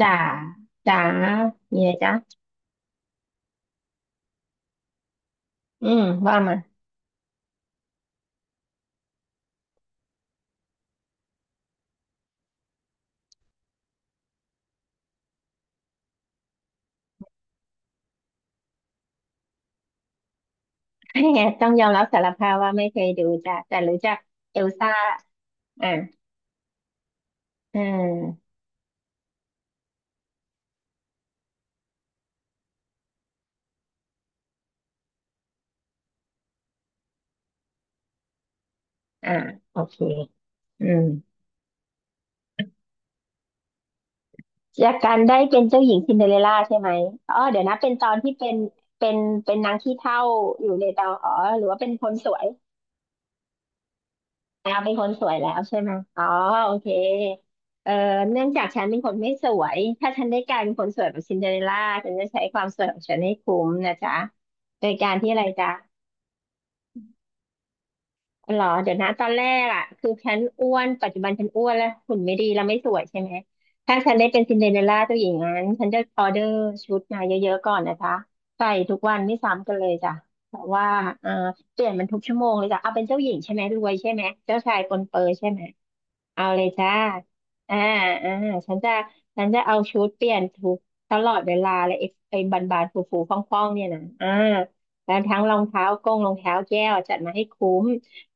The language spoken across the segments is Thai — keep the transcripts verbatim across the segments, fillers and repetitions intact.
จ๋าจ๋ามีอะไรจ๊ะอืมว่ามา ต้องยอมรับสารภาพว่าไม่เคยดูจ้ะแต่รู้จักเอลซ่าอ่าอืมอ่าโอเคอืมจากการได้เป็นเจ้าหญิงซินเดอเรลล่าใช่ไหมอ๋อเดี๋ยวนะเป็นตอนที่เป็นเป็นเป็นนางขี้เถ้าอยู่ในเตาอ๋อหรือว่าเป็นคนสวย แล้วเป็นคนสวยแล้วใช่ไหมอ๋อโอเคเอ่อเนื่องจากฉันเป็นคนไม่สวยถ้าฉันได้กลายเป็นคนสวยแบบซินเดอเรลล่าฉันจะใช้ความสวยของฉันให้คุ้มนะจ๊ะโดยการที่อะไรจ๊ะหรอเดี๋ยวนะตอนแรกอ่ะคือฉันอ้วนปัจจุบันฉันอ้วนแล้วหุ่นไม่ดีแล้วไม่สวยใช่ไหมถ้าฉันได้เป็นซินเดอเรลล่าตัวหญิงนั้นฉันจะออเดอร์ชุดมาเยอะๆก่อนนะจ๊ะใส่ทุกวันไม่ซ้ำกันเลยจ้ะแต่ว่าเอ่อเปลี่ยนมันทุกชั่วโมงเลยจ้ะเอาเป็นเจ้าหญิงใช่ไหมรวยใช่ไหมเจ้าชายปนเปอใช่ไหม เอาเลยจ้าอ่าอ่าฉันจะฉันจะเอาชุดเปลี่ยนทุกตลอดเวลาเลยไอ้ไอ้บานบานฟูฟูฟ่องฟ่องๆเนี่ยนะอ่าแล้วทั้งรองเท้ากงรองเท้าแก้วจัดมาให้คุ้ม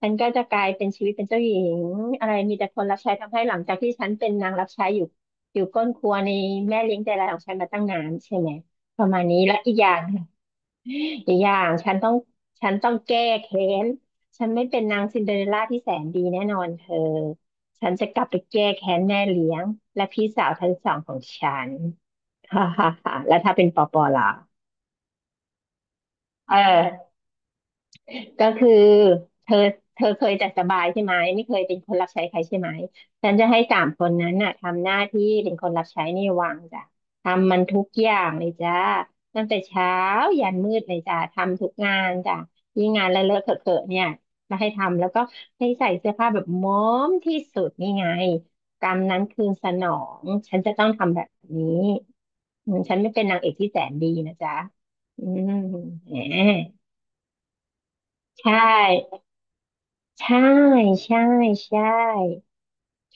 ฉันก็จะกลายเป็นชีวิตเป็นเจ้าหญิงอะไรมีแต่คนรับใช้ทำให้หลังจากที่ฉันเป็นนางรับใช้อยู่อยู่ก้นครัวในแม่เลี้ยงใจร้ายของฉันมาตั้งนานใช่ไหม ประมาณนี้และอีกอย่าง อีกอย่างฉันต้องฉันต้องแก้แค้นฉันไม่เป็นนางซินเดอเรลล่าที่แสนดีแน่นอนเธอฉันจะกลับไปแก้แค้นแม่เลี้ยงและพี่สาวทั้งสองของฉัน ฮ่าฮ่าฮ่าแล้วถ้าเป็นปอปอล่ะเออ ก็คือเธอเธอเคยจัดสบายใช่ไหมไม่เคยเป็นคนรับใช้ใครใช่ไหมฉันจะให้สามคนนั้นน่ะทำหน้าที่เป็นคนรับใช้ในวังจ้ะทำมันทุกอย่างเลยจ้าตั้งแต่เช้ายันมืดเลยจ้ะทำทุกงานจ้ะยิ่งงานเลอะเลอะเขอะเขอะเนี่ยมาให้ทำแล้วก็ให้ใส่เสื้อผ้าแบบม้อมที่สุดนี่ไงกรรมนั้นคืนสนองฉันจะต้องทำแบบนี้อืมฉันไม่เป็นนางเอกที่แสนดีนะจ๊ะอืมแหมใช่ ใช่ใช่ใช่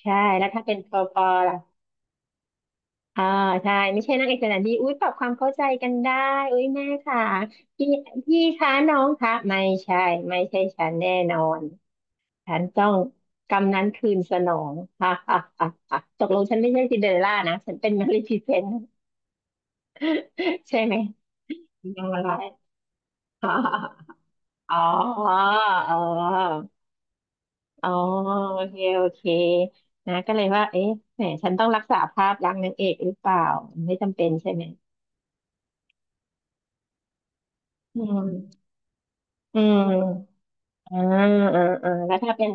ใช่แล้วถ้าเป็นปอปอล่ะอ่าใช่ไม่ใช่นักเอกสถารดีอุ้ยปรับความเข้าใจกันได้อุ้ยแม่ค่ะพี่พี่คะน้องคะไม่ใช่ไม่ใช่ฉันแน่นอนฉันต้องกำนั้นคืนสนองฮ่าฮ่าฮ่าฮ่าตกลงฉันไม่ใช่ซินเดอเรลล่านะฉันเป็นมาริฟีเซนต์ใช่ไหมนางร้ายฮ่าฮ่าฮ่าอ๋ออ๋อ อ๋อโอเคโอเคนะก็เลยว่าเอ๊ะแหมฉันต้องรักษาภาพลักษณ์นางเอกหรือเปล่าไม่จำเป็นใช่ไหมอืมอืมอ่าอ่าอ่าแล้วถ้าเป็น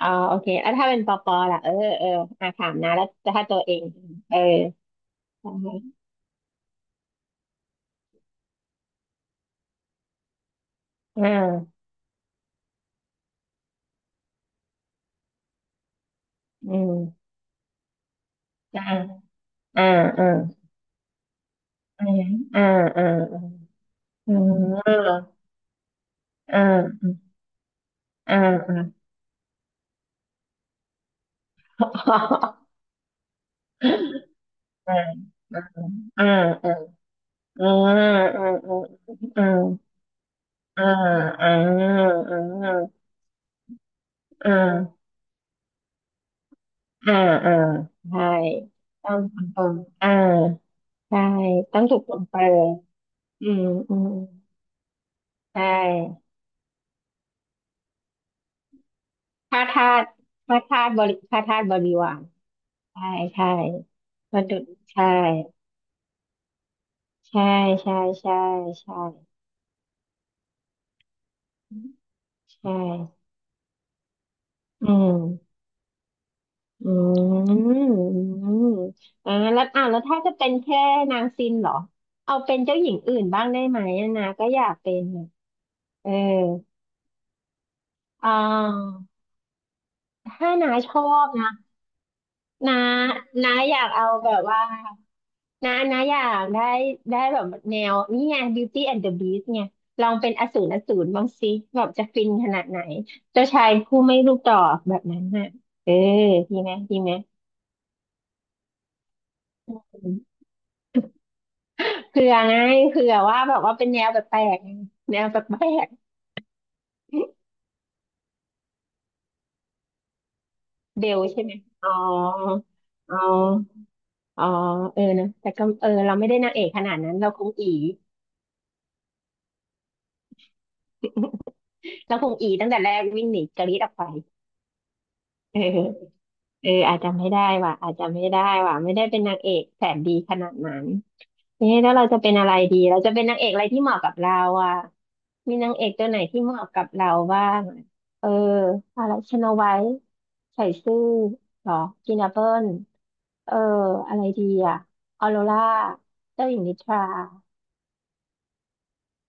อ๋อโอเคแล้วถ้าเป็นปอปอล่ะเออเอออ่าถามนะแล้วถ้าตัวเองเอออ่าอ่าอืมอ่าอ่าอ่าอ่าอ่าอ่าอืมอ่าอ่าอ่าอ่าอ่าอ่า อ่าอ่าอ่าอ่าอ่าอ่าอ่าอ่าอ่าอ่าใช่ต้องถูกต้องอ่าใช่ต้องถูกต้องไปอืม อืม ใช่ค่าทาสค่าทาสบริค่าทาสบริวารใช่ใช่ประดุษใช่ใช่ใช่ใช่ ใช่ ใช่ อืม อืมอืมอ่าแล้วอ่าแล้วถ้าจะเป็นแค่นางซินเหรอเอาเป็นเจ้าหญิงอื่นบ้างได้ไหมอะนะก็อยากเป็นอะเอออ่าถ้านาชอบนะนานาอยากเอาแบบว่านานาอยากได้ได้แบบแนวนี่ไง Beauty and the Beast ไงลองเป็นอสูรอสูรบ้างสิแบบจะฟินขนาดไหนเจ้าชายผู้ไม่รูปดอกแบบนั้นน่ะเออดีไหมดีไหม เผื่อไงเผื่อว่าแบบว่าเป็นแนวแปลกๆแนวแปลกๆเบลใช่ไหมอ๋ออ๋ออ๋อเออนะแต่ก็เออเราไม่ได้นางเอกขนาดนั้นเราคงอีเราคงอีตั้งแต่แรกวิ่งหนีกรี๊ดออกไปเออเอออาจจะไม่ได้ว่ะอาจจะไม่ได้ว่ะไม่ได้เป็นนางเอกแสนดีขนาดนั้น นี่แล้วเราจะเป็นอะไรดีเราจะเป็นนางเอกอะไรที่เหมาะกับเราอ่ะมีนางเอกตัวไหนที่เหมาะกับเราบ้างอะเอออะไรชโนไวท์ใส่ซื่อหรอกินแอปเปิลเอออะไรดีอ่ะออโรราเจ้าหญิงนิทรา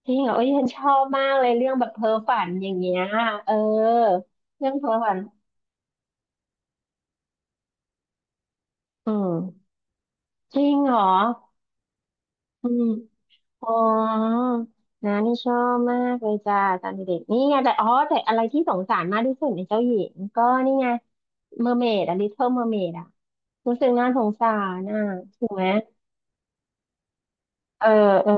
จริงเหรอโอ้ยฉันชอบมากเลยเรื่องแบบเพ้อฝันอย่างเงี้ยเออเรื่องเพ้อฝันอืมจริงเหรออืม อ๋อนานี่ชอบมากเลยจ้าตอนเด็กๆนี่ไงแต่อ๋อแต่อะไรที่สงสารมากที่สุดในเจ้าหญิงก็นี่ไงเมอร์เมดอะลิ t เ l ิ m ลเมอร์เมดอะรู้สึกน่าสงสารอ่ะถูกไหมเออเออ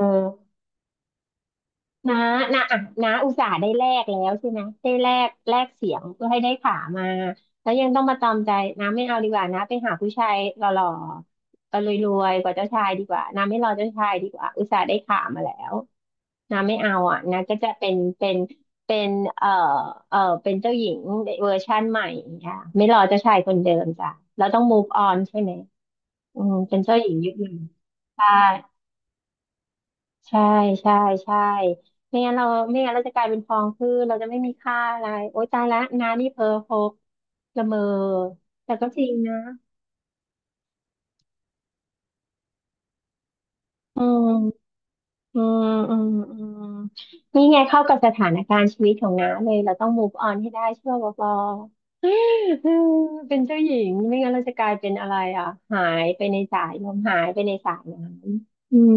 น้าน้าอ่ะน้าอุตส่าห์ได้แลกแล้วใช่ไหมได้แลกแลกเสียงเพื่อให้ได้ขามาแล้วยังต้องมาตอมใจน้าไม่เอาดีกว่าน้าไปหาผู้ชายหล่อๆก็รวยๆกว่าเจ้าชายดีกว่าน้าไม่รอเจ้าชายดีกว่าอุตส่าห์ได้ขามาแล้วน้าไม่เอาอ่ะน้าก็จะเป็นเป็นเป็นเอ่อเอ่อเป็นเจ้าหญิงเวอร์ชั่นใหม่ค่ะไม่รอเจ้าชายคนเดิมจ้ะเราต้อง move on ใช่ไหมอืมเป็นเจ้าหญิงยุคใหม่ใช่ ใช่ใช่ใช่ไม่งั้นเราไม่งั้นเราจะกลายเป็นฟองคือเราจะไม่มีค่าอะไรโอ๊ยตายละนานี่เพอร์พกละเมอแต่ก็จริงนะอืมอืมอืมอืมนี่ไงเข้ากับสถานการณ์ชีวิตของน้าเลยเราต้อง move on ให้ได้เชื่อวอปออืมเป็นเจ้าหญิงไม่งั้นเราจะกลายเป็นอะไรอ่ะหายไปในสายลมหายไปในสายน้ำอืม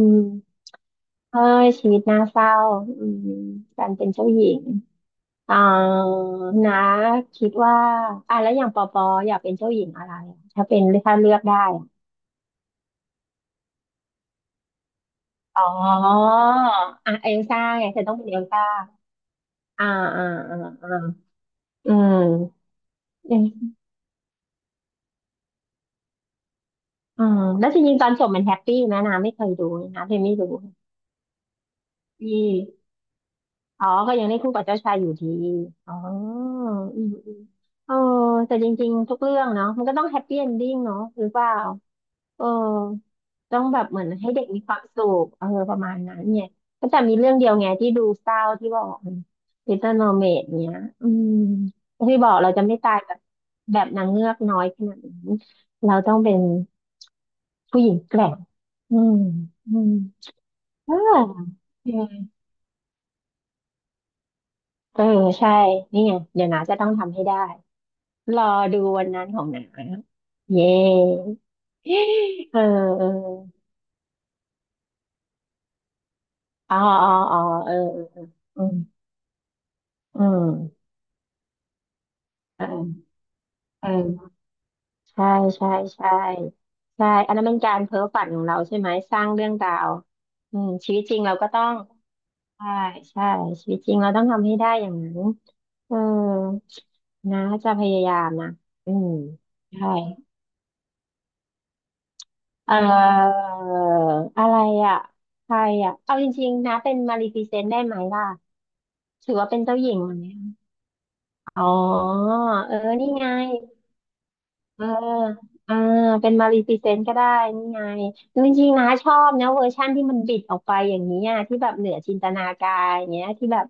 เอ้ยชีวิตน่าเศร้าอืมการเป็นเจ้าหญิง อ๋อนะคิดว่าอ่ะแล้วอย่างปอปออยากเป็นเจ้าหญิงอะไรอะถ้าเป็นถ้าเลือกได้อะอ๋ออ่ะเอลซ่าไงเธอต้องเป็นเอลซ่าอ่าอ่าอ่าอ่าอืมอืมอืมแล้วจริงๆตอนจบมันแฮปปี้ไหมนะไม่เคยดูเลยนะเธอไม่รู้ดีอ๋อก็ยังได้คู่กับเจ้าชายอยู่ดีอ๋ออืมอืมเออแต่จริงๆทุกเรื่องเนาะมันก็ต้องแฮปปี้เอนดิ้งเนาะหรือเปล่า เออต้องแบบเหมือนให้เด็กมีความสุขเออประมาณนั้นเนี่ยก็แต่มีเรื่องเดียวไงที่ดูเศร้าที่บอกลิตเติ้ลโมอร์เมดเนี้ยอืมที่บอกเราจะไม่ตายแบบแบบนางเงือกน้อยขนาดนั้นเราต้องเป็นผู้หญิงแกร่งอืมอืมเออเออเออใช่นี่ไงเดี๋ยวนาจะต้องทำให้ได้รอดูวันนั้นของหนาเย้เออเอออ๋ออ๋ออ๋อเออเออเอออืมอืมเออ เออใช่ใช่ใช่ใช่อันนั้นเป็นการเพ้อฝันของเราใช่ไหมสร้างเรื่องราวอืมชีวิตจริงเราก็ต้องใช่ใช่ชีวิตจริงเราต้องทำให้ได้อย่างนั้นเออนะจะพยายามนะอืมใช่เอ่ออะไรอ่ะใครอ่ะเอาจริงๆนะเป็นมาลีฟิเซนต์ได้ไหมล่ะถือว่าเป็นเจ้าหญิงไหมอ๋อเออนี่ไง เอออ่าเป็นมารีพรีเซนต์ก็ได้นี่ไงจริงๆนะชอบนะเวอร์ชั่นที่มันบิดออกไปอย่างนี้อะที่แบบเหนือจินตนาการอย่างเงี้ยที่แบบ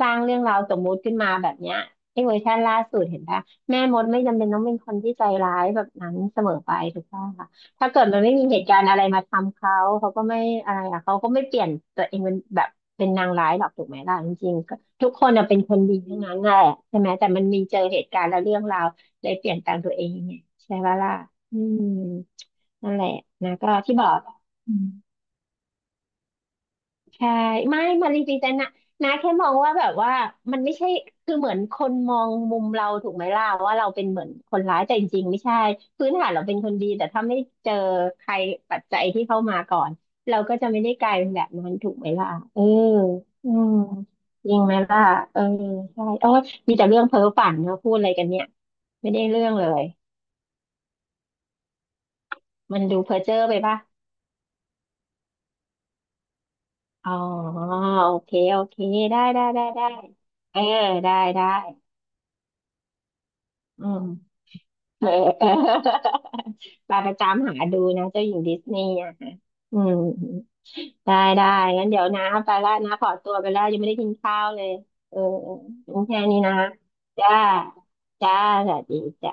สร้างเรื่องราวสมมุติขึ้นมาแบบเนี้ยไอ้เวอร์ชันล่าสุดเห็นปะแม่มดไม่จำเป็นต้องเป็นคนที่ใจร้ายแบบนั้นเสมอไปถูกต้องค่ะถ้าเกิดมันไม่มีเหตุการณ์อะไรมาทำเขาเขาก็ไม่อะไรอ่ะเขาก็ไม่เปลี่ยนตัวเองเป็นแบบเป็นนางร้ายหรอกถูกไหมล่ะจริงๆก็ทุกคนอะเป็นคนดีทั้งนั้นแหละใช่ไหมแต่มันมีเจอเหตุการณ์และเรื่องราว เลยเปลี่ยนแปลงตัวเองไงใช่ปะล่ะอืมนั่นแหละนะก็ที่บอกอืมใช่ไม่มาจริงๆแต่นะนะแค่มองว่าแบบว่ามันไม่ใช่คือเหมือนคนมองมุมเราถูกไหมล่ะว่าเราเป็นเหมือนคนร้ายแต่จริงๆไม่ใช่พื้นฐานเราเป็นคนดีแต่ถ้าไม่เจอใครปัจจัยที่เข้ามาก่อนเราก็จะไม่ได้กลายเป็นแบบนั้นถูกไหมล่ะเอออืมจริงไหมล่ะเออใช่โอ้ยมีแต่เรื่องเพ้อฝันเนอะพูดอะไรกันเนี่ยไม่ได้เรื่องเลย มันดูเพ้อเจ้อไปป่ะอ๋อโอเคโอเคได้ได้ได้ได้เออได้ได้อืมเออ เออไปไประจำหาดูนะเจ้าหญิงดิสนีย์อะค่ะอืมได้ได้งั้นเดี๋ยวนะไปแล้วนะขอตัวไปแล้วยังไม่ได้กินข้าวเลยเออเอองั้นแค่นี้นะจ้าจ้าสวัสดีจ้า